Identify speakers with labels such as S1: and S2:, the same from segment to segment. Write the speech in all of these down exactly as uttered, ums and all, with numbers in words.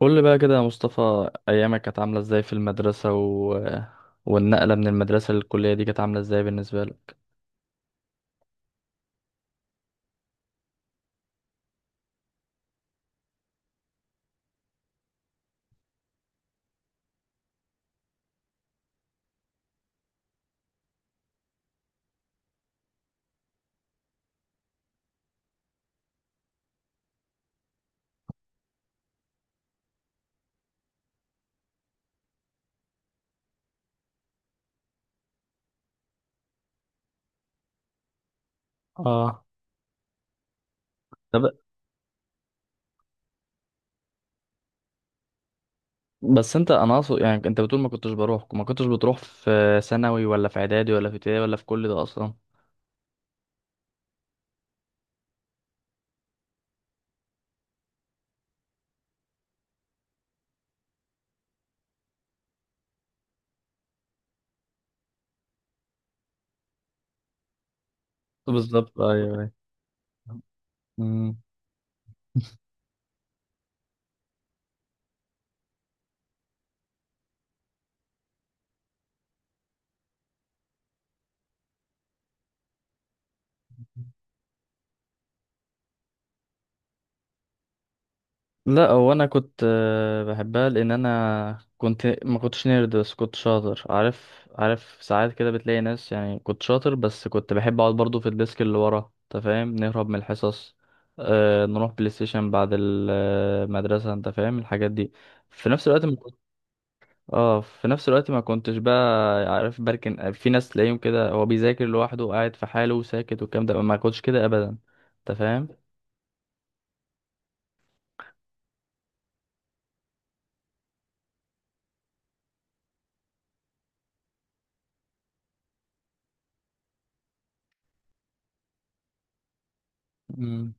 S1: قول لي بقى كده يا مصطفى، ايامك كانت عامله ازاي في المدرسه و... والنقله من المدرسه للكليه دي كانت عامله ازاي بالنسبه لك؟ اه، طب بس انت، انا اقصد يعني انت بتقول ما كنتش بروح، ما كنتش بتروح في ثانوي ولا في اعدادي ولا في ابتدائي ولا في كل ده اصلا؟ بالظبط، ايوه ايوه. مم. لا، هو انا كنت آه، بحبها لان انا كنت ما كنتش نيرد، بس كنت شاطر، عارف؟ عارف ساعات كده بتلاقي ناس، يعني كنت شاطر بس كنت بحب اقعد برضو في الديسك اللي ورا، انت فاهم، نهرب من الحصص. آه، نروح بلاي ستيشن بعد المدرسة، انت فاهم الحاجات دي. في نفس الوقت ما كنت، اه، في نفس الوقت ما كنتش بقى، عارف، بركن في ناس تلاقيهم كده هو بيذاكر لوحده، قاعد في حاله وساكت والكلام ده، ما كنتش كده ابدا. انت فاهم؟ امم.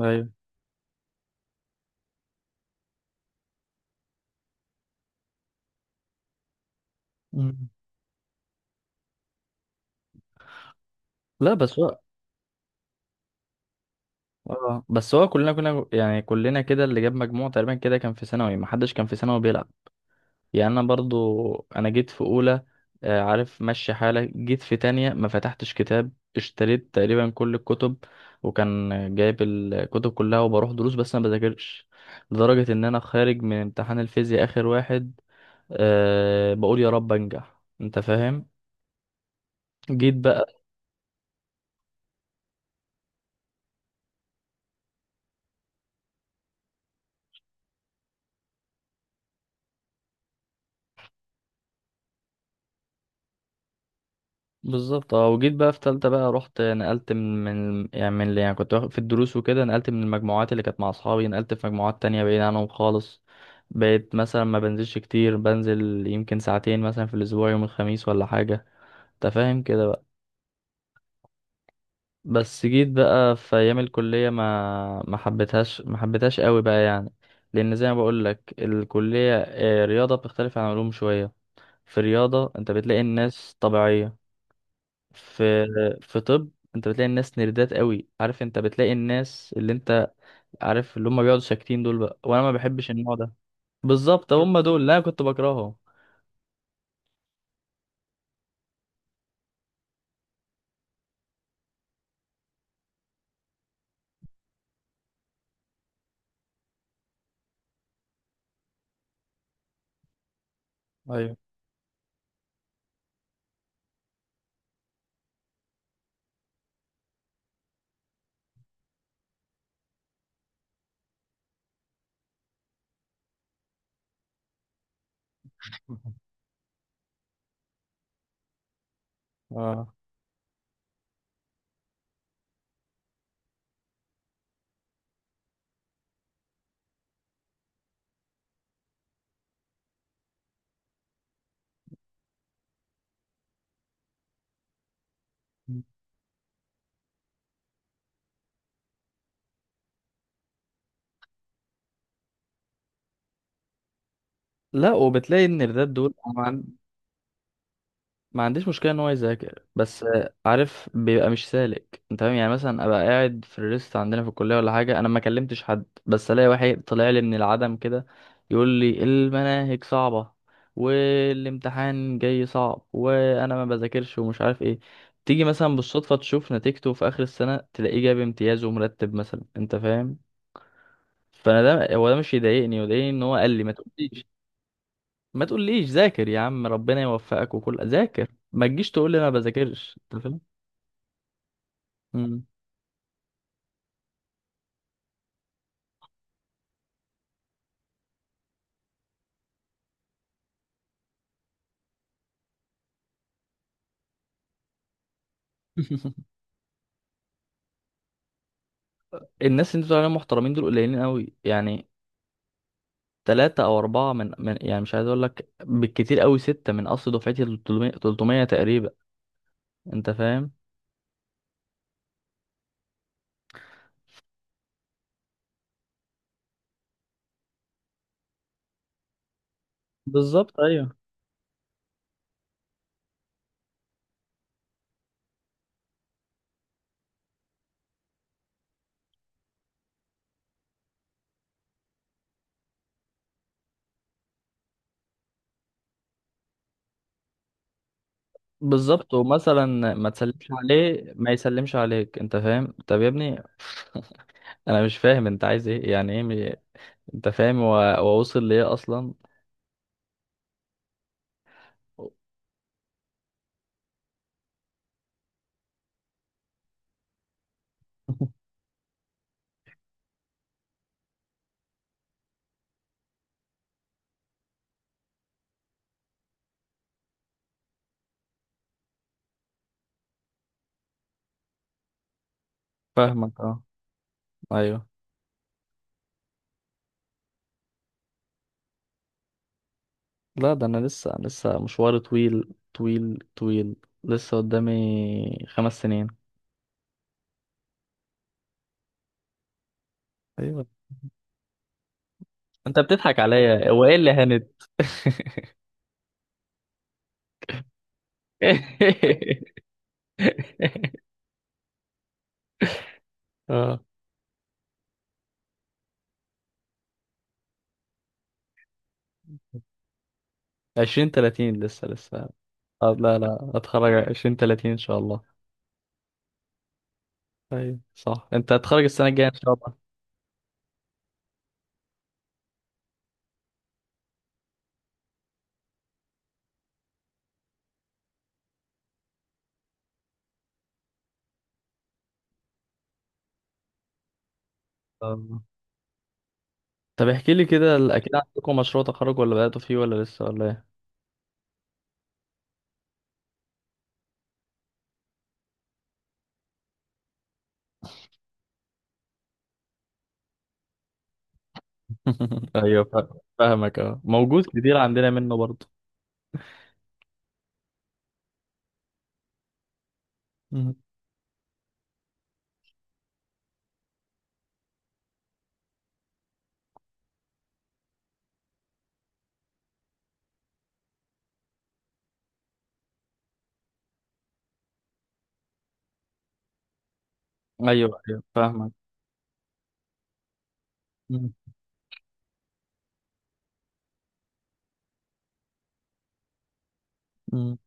S1: ايوه. مم. لا بس هو، اه بس هو كلنا كنا، يعني كلنا كده اللي جاب مجموع تقريبا كده كان في ثانوي، ما حدش كان في ثانوي بيلعب. يعني انا برضو، انا جيت في اولى آه، عارف مشي حالك، جيت في تانية ما فتحتش كتاب، اشتريت تقريبا كل الكتب، وكان جايب الكتب كلها وبروح دروس بس انا بذاكرش، لدرجة ان انا خارج من امتحان الفيزياء اخر واحد، أه بقول يا رب انجح، انت فاهم؟ جيت بقى بالظبط اه، وجيت بقى في تالتة بقى، رحت نقلت من، من يعني من اللي، يعني كنت واخد في الدروس وكده، نقلت من المجموعات اللي كانت مع أصحابي، نقلت في مجموعات تانية بعيد عنهم خالص. بقيت مثلا ما بنزلش كتير، بنزل يمكن ساعتين مثلا في الأسبوع، يوم الخميس ولا حاجة، أنت فاهم كده بقى. بس جيت بقى في أيام الكلية ما ما حبيتهاش ما حبيتهاش قوي بقى يعني، لأن زي ما بقول لك الكلية، آه، رياضة بتختلف عن علوم شوية. في رياضة أنت بتلاقي الناس طبيعية. في في طب انت بتلاقي الناس نيردات قوي، عارف؟ انت بتلاقي الناس اللي انت، عارف، اللي هم بيقعدوا ساكتين دول بقى، وانا ما بحبش النوع ده. بالظبط، هم دول اللي انا كنت بكرههم. ايوه. اه. لا، وبتلاقي النيردات دول ما عنديش مشكلة ان هو يذاكر، بس آه، عارف، بيبقى مش سالك، انت فاهم؟ يعني مثلا ابقى قاعد في الريست عندنا في الكلية ولا حاجة، انا ما كلمتش حد، بس الاقي واحد طلع لي من العدم كده يقول لي المناهج صعبة والامتحان جاي صعب وانا ما بذاكرش، ومش عارف ايه، تيجي مثلا بالصدفة تشوف نتيجته في اخر السنة، تلاقيه جاب امتياز ومرتب مثلا، انت فاهم؟ فانا ده، هو ده مش يضايقني، يضايقني ان هو قال لي ما تقوليش، ما تقوليش ذاكر يا عم، ربنا يوفقك وكل، ذاكر، ما تجيش تقول لي انا ما بذاكرش، انت فاهم؟ مم. الناس اللي انت بتقول عليهم محترمين دول قليلين قوي يعني، ثلاثة أو أربعة من, من يعني مش عايز أقول لك بالكتير قوي، ستة من أصل دفعتي ثلاث مية ثلاث مية تقريبا، أنت فاهم؟ بالظبط، ايوه. بالظبط. ومثلا ما تسلمش عليه، ما يسلمش عليك، أنت فاهم؟ طب يا ابني، أنا مش فاهم أنت عايز إيه، يعني إيه، م- أنت فاهم هو هو وصل لإيه أصلا؟ فاهمك أه. أيوه. لا، ده انا لسه، لسه مشواري طويل طويل طويل، لسه قدامي خمس سنين. ايوه. انت بتضحك عليا، هو ايه اللي هند؟ اه، عشرين تلاتين لسه لسه. آه لا لا، هتخرج عشرين تلاتين ان شاء الله. ايوه صح، انت هتخرج السنة الجاية ان شاء الله. آه. طب احكي لي كده، ال- اكيد عندكم مشروع تخرج، ولا بدأتوا فيه، ولا لسه، ولا ايه؟ ايوه، فا- فاهمك اه، موجود كتير عندنا منه برضه. مم. ايوه ايوه، فاهمك. مم.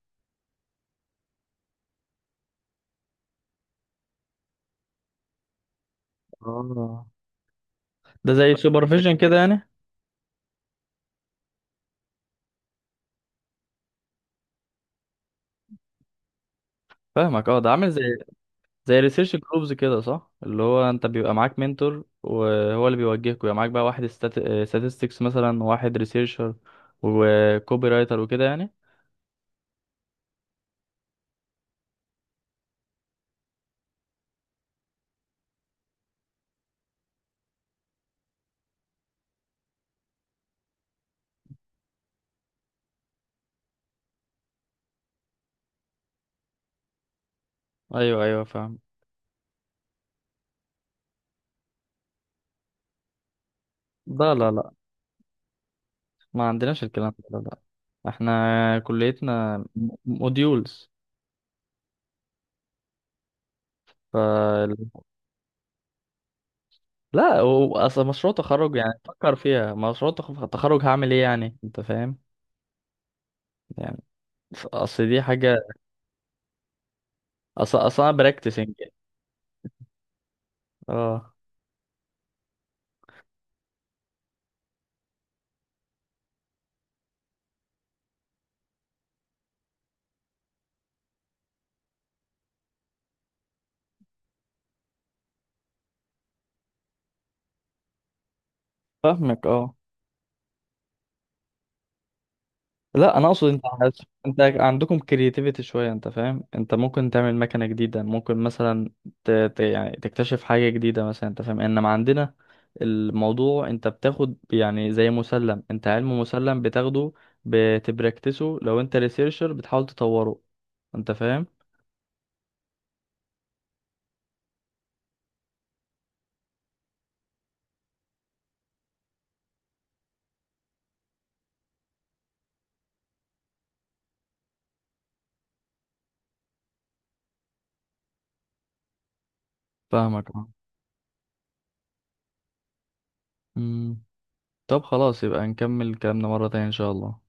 S1: اه، ده زي سوبرفيجن كده يعني؟ فاهمك اه، ده عامل زي زي ريسيرش جروبز كده صح، اللي هو انت بيبقى معاك منتور وهو اللي بيوجهك، ويبقى معاك بقى واحد statistics مثلا، وواحد ريسيرشر وكوبي رايتر وكده يعني. ايوه ايوه، فاهم. لا لا لا، ما عندناش الكلام ده، لا لا. احنا كليتنا موديولز، ف، لا و- اصل مشروع تخرج، يعني فكر فيها، مشروع تخ- تخرج هعمل ايه يعني، انت فاهم؟ يعني اصل دي حاجة، اصل، اصل انا براكتسنج، اه. فاهمك اه. لا انا اقصد انت عايز، انت عندكم كرياتيفيتي شويه انت فاهم، انت ممكن تعمل مكنه جديده، ممكن مثلا ت... ت... يعني تكتشف حاجه جديده مثلا، انت فاهم؟ انما عندنا الموضوع انت بتاخد، يعني زي مسلم، انت علم مسلم بتاخده بتبركتسه، لو انت ريسيرشر بتحاول تطوره، انت فاهم؟ فاهمك اه. أمم. طب خلاص، يبقى نكمل كلامنا مره تانية ان شاء الله.